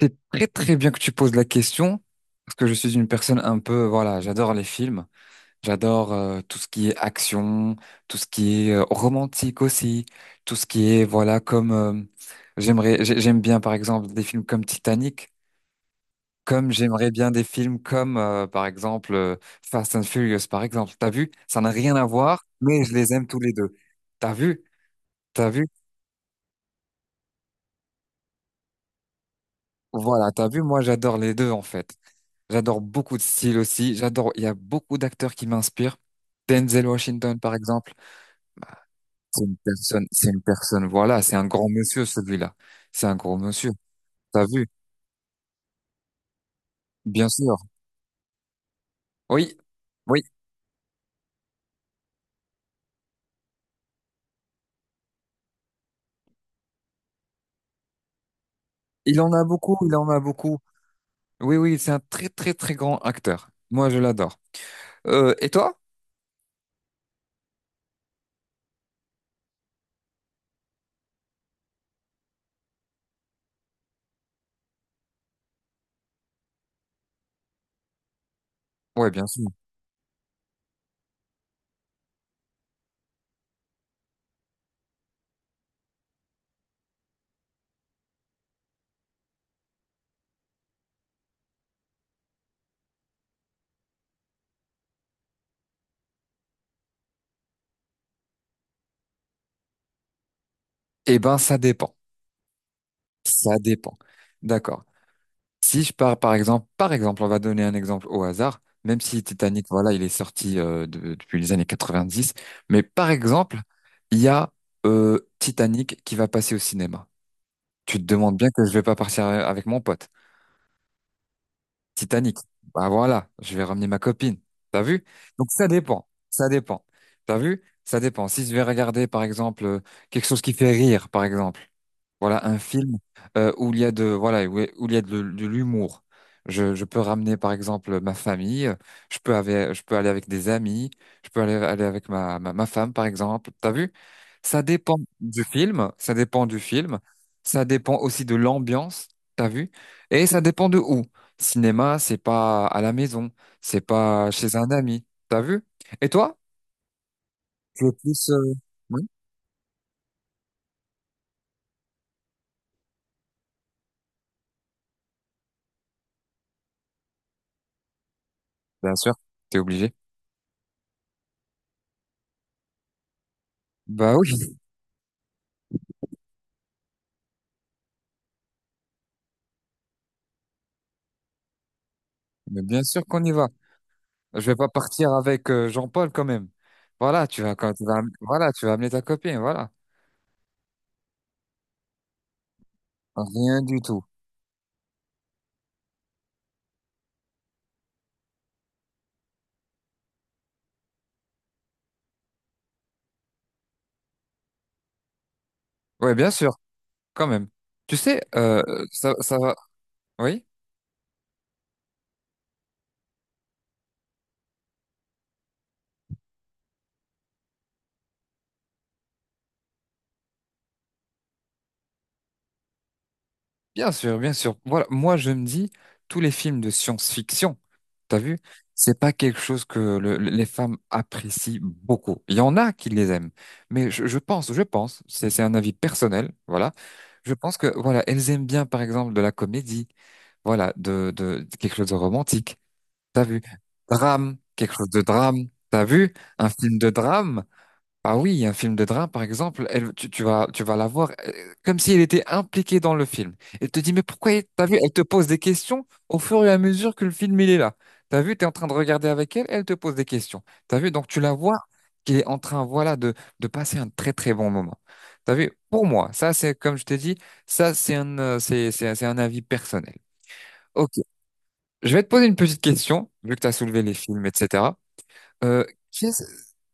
C'est très très bien que tu poses la question, parce que je suis une personne un peu, voilà, j'adore les films, j'adore tout ce qui est action, tout ce qui est romantique aussi, tout ce qui est, voilà, comme j'aimerais, j'aime bien par exemple des films comme Titanic, comme j'aimerais bien des films comme par exemple Fast and Furious, par exemple. T'as vu? Ça n'a rien à voir, mais je les aime tous les deux. T'as vu? T'as vu? Voilà, t'as vu? Moi, j'adore les deux en fait. J'adore beaucoup de styles aussi. J'adore, il y a beaucoup d'acteurs qui m'inspirent. Denzel Washington, par exemple, c'est une personne, voilà, c'est un grand monsieur, celui-là. C'est un grand monsieur. T'as vu? Bien sûr. Oui, oui, il en a beaucoup, il en a beaucoup. Oui, oui, c'est un très, très, très grand acteur. Moi, je l'adore. Et toi? Ouais, bien sûr. Eh ben, ça dépend. Ça dépend. D'accord. Si je pars, par exemple, on va donner un exemple au hasard, même si Titanic, voilà, il est sorti depuis les années 90. Mais par exemple, il y a Titanic qui va passer au cinéma. Tu te demandes bien que je vais pas partir avec mon pote. Titanic. Bah voilà, je vais ramener ma copine. T'as vu? Donc ça dépend. Ça dépend. T'as vu? Ça dépend. Si je vais regarder, par exemple, quelque chose qui fait rire, par exemple. Voilà un film où il y a de voilà où il y a de l'humour. Je peux ramener par exemple ma famille, je peux aller avec des amis, je peux aller, aller avec ma femme par exemple. T'as vu? Ça dépend du film, ça dépend du film, ça dépend aussi de l'ambiance. T'as vu? Et ça dépend de où. Cinéma, c'est pas à la maison, c'est pas chez un ami. T'as vu? Et toi? Tu es plus oui, bien sûr, t'es obligé. Bah oui, mais bien sûr qu'on y va. Je vais pas partir avec Jean-Paul quand même. Voilà, tu vas quand tu vas, voilà, tu vas amener ta copine, voilà. Rien du tout. Ouais, bien sûr, quand même. Tu sais, ça va. Oui, bien sûr, bien sûr. Voilà, moi je me dis, tous les films de science-fiction, t'as vu, c'est pas quelque chose que les femmes apprécient beaucoup. Il y en a qui les aiment, mais je pense, c'est un avis personnel, voilà. Je pense que voilà, elles aiment bien, par exemple, de la comédie, voilà, de quelque chose de romantique. T'as vu? Drame, quelque chose de drame. T'as vu? Un film de drame? Ah oui, un film de drame, par exemple, tu vas la voir comme si elle était impliquée dans le film. Elle te dit, mais pourquoi, t'as vu? Elle te pose des questions au fur et à mesure que le film, il est là. T'as vu? T'es en train de regarder avec elle, elle te pose des questions. T'as vu? Donc, tu la vois qui est en train, voilà, de passer un très, très bon moment. T'as vu? Pour moi, ça, c'est, comme je t'ai dit, ça, c'est un avis personnel. Ok. Je vais te poser une petite question, vu que tu as soulevé les films, etc. Euh, qu'est-ce-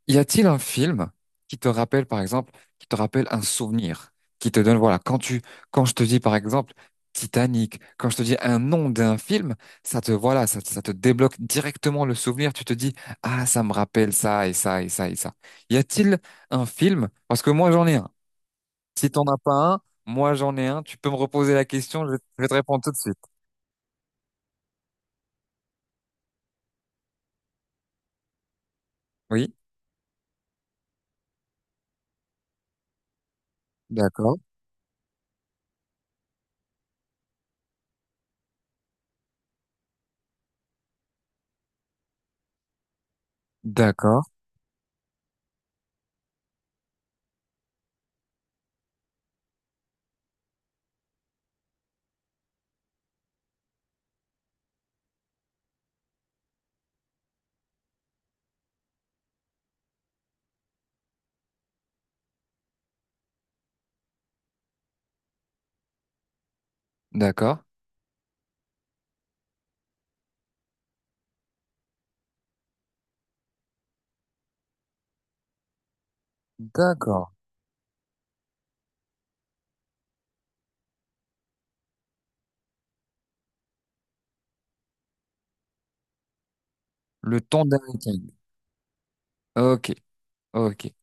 y a-t-il un film qui te rappelle, par exemple, qui te rappelle un souvenir, qui te donne, voilà, quand tu, quand je te dis, par exemple, Titanic, quand je te dis un nom d'un film, ça te, voilà, ça te débloque directement le souvenir. Tu te dis, ah, ça me rappelle ça et ça et ça et ça. Y a-t-il un film? Parce que moi, j'en ai un. Si t'en as pas un, moi, j'en ai un. Tu peux me reposer la question, je vais te répondre tout de suite. Oui, d'accord, d'accord, d'accord. D'accord. Le thon d'Aricagne. Ok, ok.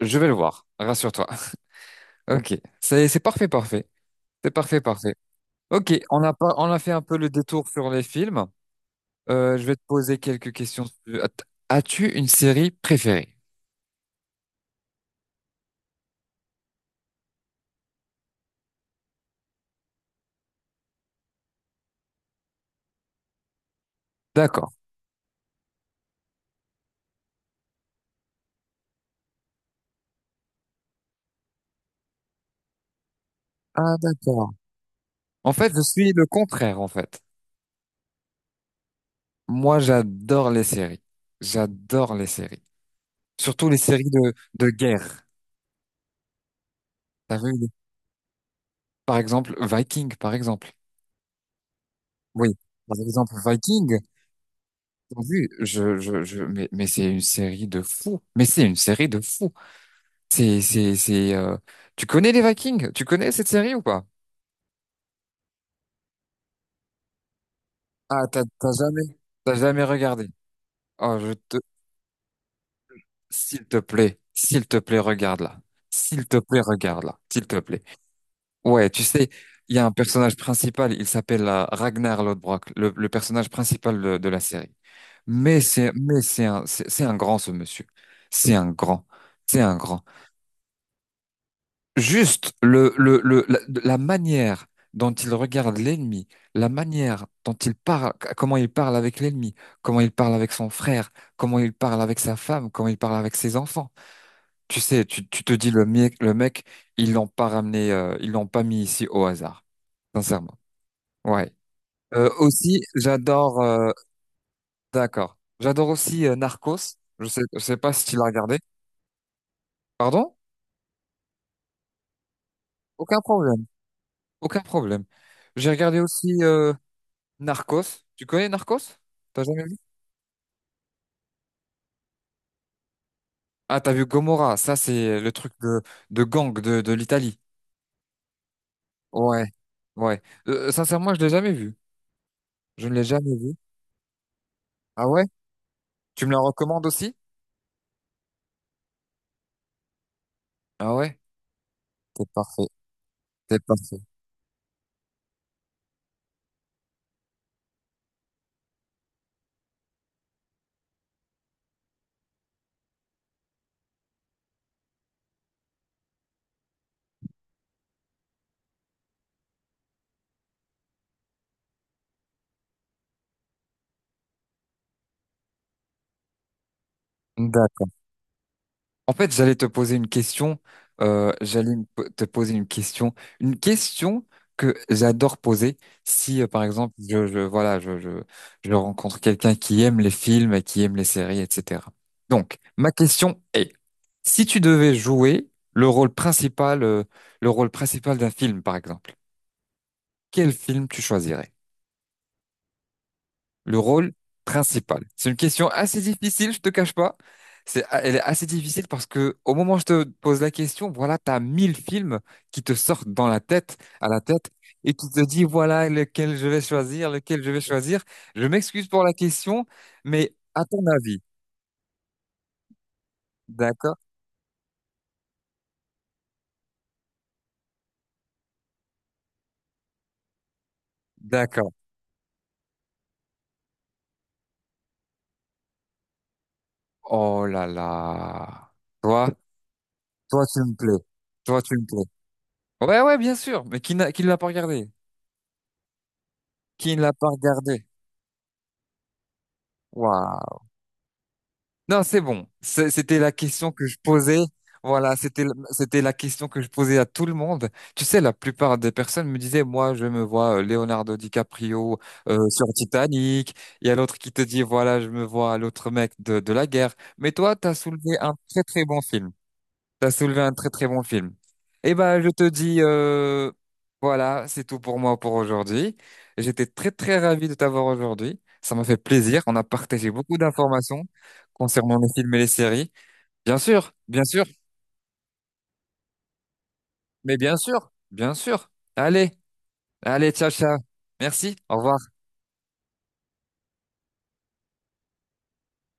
Je vais le voir. Rassure-toi. Ok. C'est parfait, parfait. C'est parfait, parfait. Ok, on a pas, on a fait un peu le détour sur les films. Je vais te poser quelques questions. As-tu une série préférée? D'accord. Ah, d'accord. En fait, je suis le contraire, en fait. Moi, j'adore les séries. J'adore les séries. Surtout les séries de guerre. T'as vu, par exemple, Viking, par exemple. Oui. Par exemple, Viking. Oui, mais c'est une série de fous. Mais c'est une série de fous. C'est, c'est, c'est, euh, Tu connais les Vikings? Tu connais cette série ou pas? Ah, t'as, t'as jamais, t'as jamais regardé. Oh, s'il te plaît, regarde-la. S'il te plaît, regarde-la. S'il te plaît. Ouais, tu sais, il y a un personnage principal, il s'appelle Ragnar Lodbrok, le personnage principal de la série. Mais c'est un, c'est un grand, ce monsieur. C'est un grand. C'est un grand. Juste la manière dont il regarde l'ennemi, la manière dont il parle, comment il parle avec l'ennemi, comment il parle avec son frère, comment il parle avec sa femme, comment il parle avec ses enfants. Tu sais, tu te dis le mec, ils l'ont pas ramené, ils l'ont pas mis ici au hasard, sincèrement. Ouais. Aussi, j'adore. D'accord. J'adore aussi Narcos. Je sais pas si tu l'as regardé. Pardon? Aucun problème. Aucun problème. J'ai regardé aussi. Narcos. Tu connais Narcos? T'as jamais vu? Ah, t'as vu Gomorra. Ça, c'est le truc de gang de l'Italie. Ouais, ouais. Sincèrement, je l'ai jamais vu. Je ne l'ai jamais vu. Ah ouais? Tu me la recommandes aussi? Ah ouais? T'es parfait. T'es parfait. D'accord. En fait, j'allais te poser une question. Te poser une question que j'adore poser. Si, par exemple, je rencontre quelqu'un qui aime les films et qui aime les séries, etc. Donc, ma question est, si tu devais jouer le rôle principal, euh, le rôle principal d'un film, par exemple, quel film tu choisirais? Le rôle principal? C'est une question assez difficile, je te cache pas. C'est, ah, elle est assez difficile parce que au moment où je te pose la question, voilà, t'as mille films qui te sortent dans la tête, à la tête, et tu te dis, voilà, lequel je vais choisir, lequel je vais choisir. Je m'excuse pour la question, mais à ton avis, d'accord? D'accord. Oh là là. Toi, toi, tu me plais. Toi, tu me plais. Ouais, ouais, bien sûr. Mais qui n'a, qui ne l'a pas regardé? Qui ne l'a pas regardé? Waouh. Non, c'est bon. C'était la question que je posais. Voilà, c'était, c'était la question que je posais à tout le monde. Tu sais, la plupart des personnes me disaient, moi, je me vois Leonardo DiCaprio sur Titanic. Il y a l'autre qui te dit, voilà, je me vois l'autre mec de la guerre. Mais toi, t'as soulevé un très, très bon film. T'as soulevé un très très bon film. Eh ben, je te dis, voilà, c'est tout pour moi pour aujourd'hui. J'étais très très ravi de t'avoir aujourd'hui. Ça m'a fait plaisir. On a partagé beaucoup d'informations concernant les films et les séries. Bien sûr, mais bien sûr, bien sûr. Allez, allez, ciao, ciao. Merci, au revoir.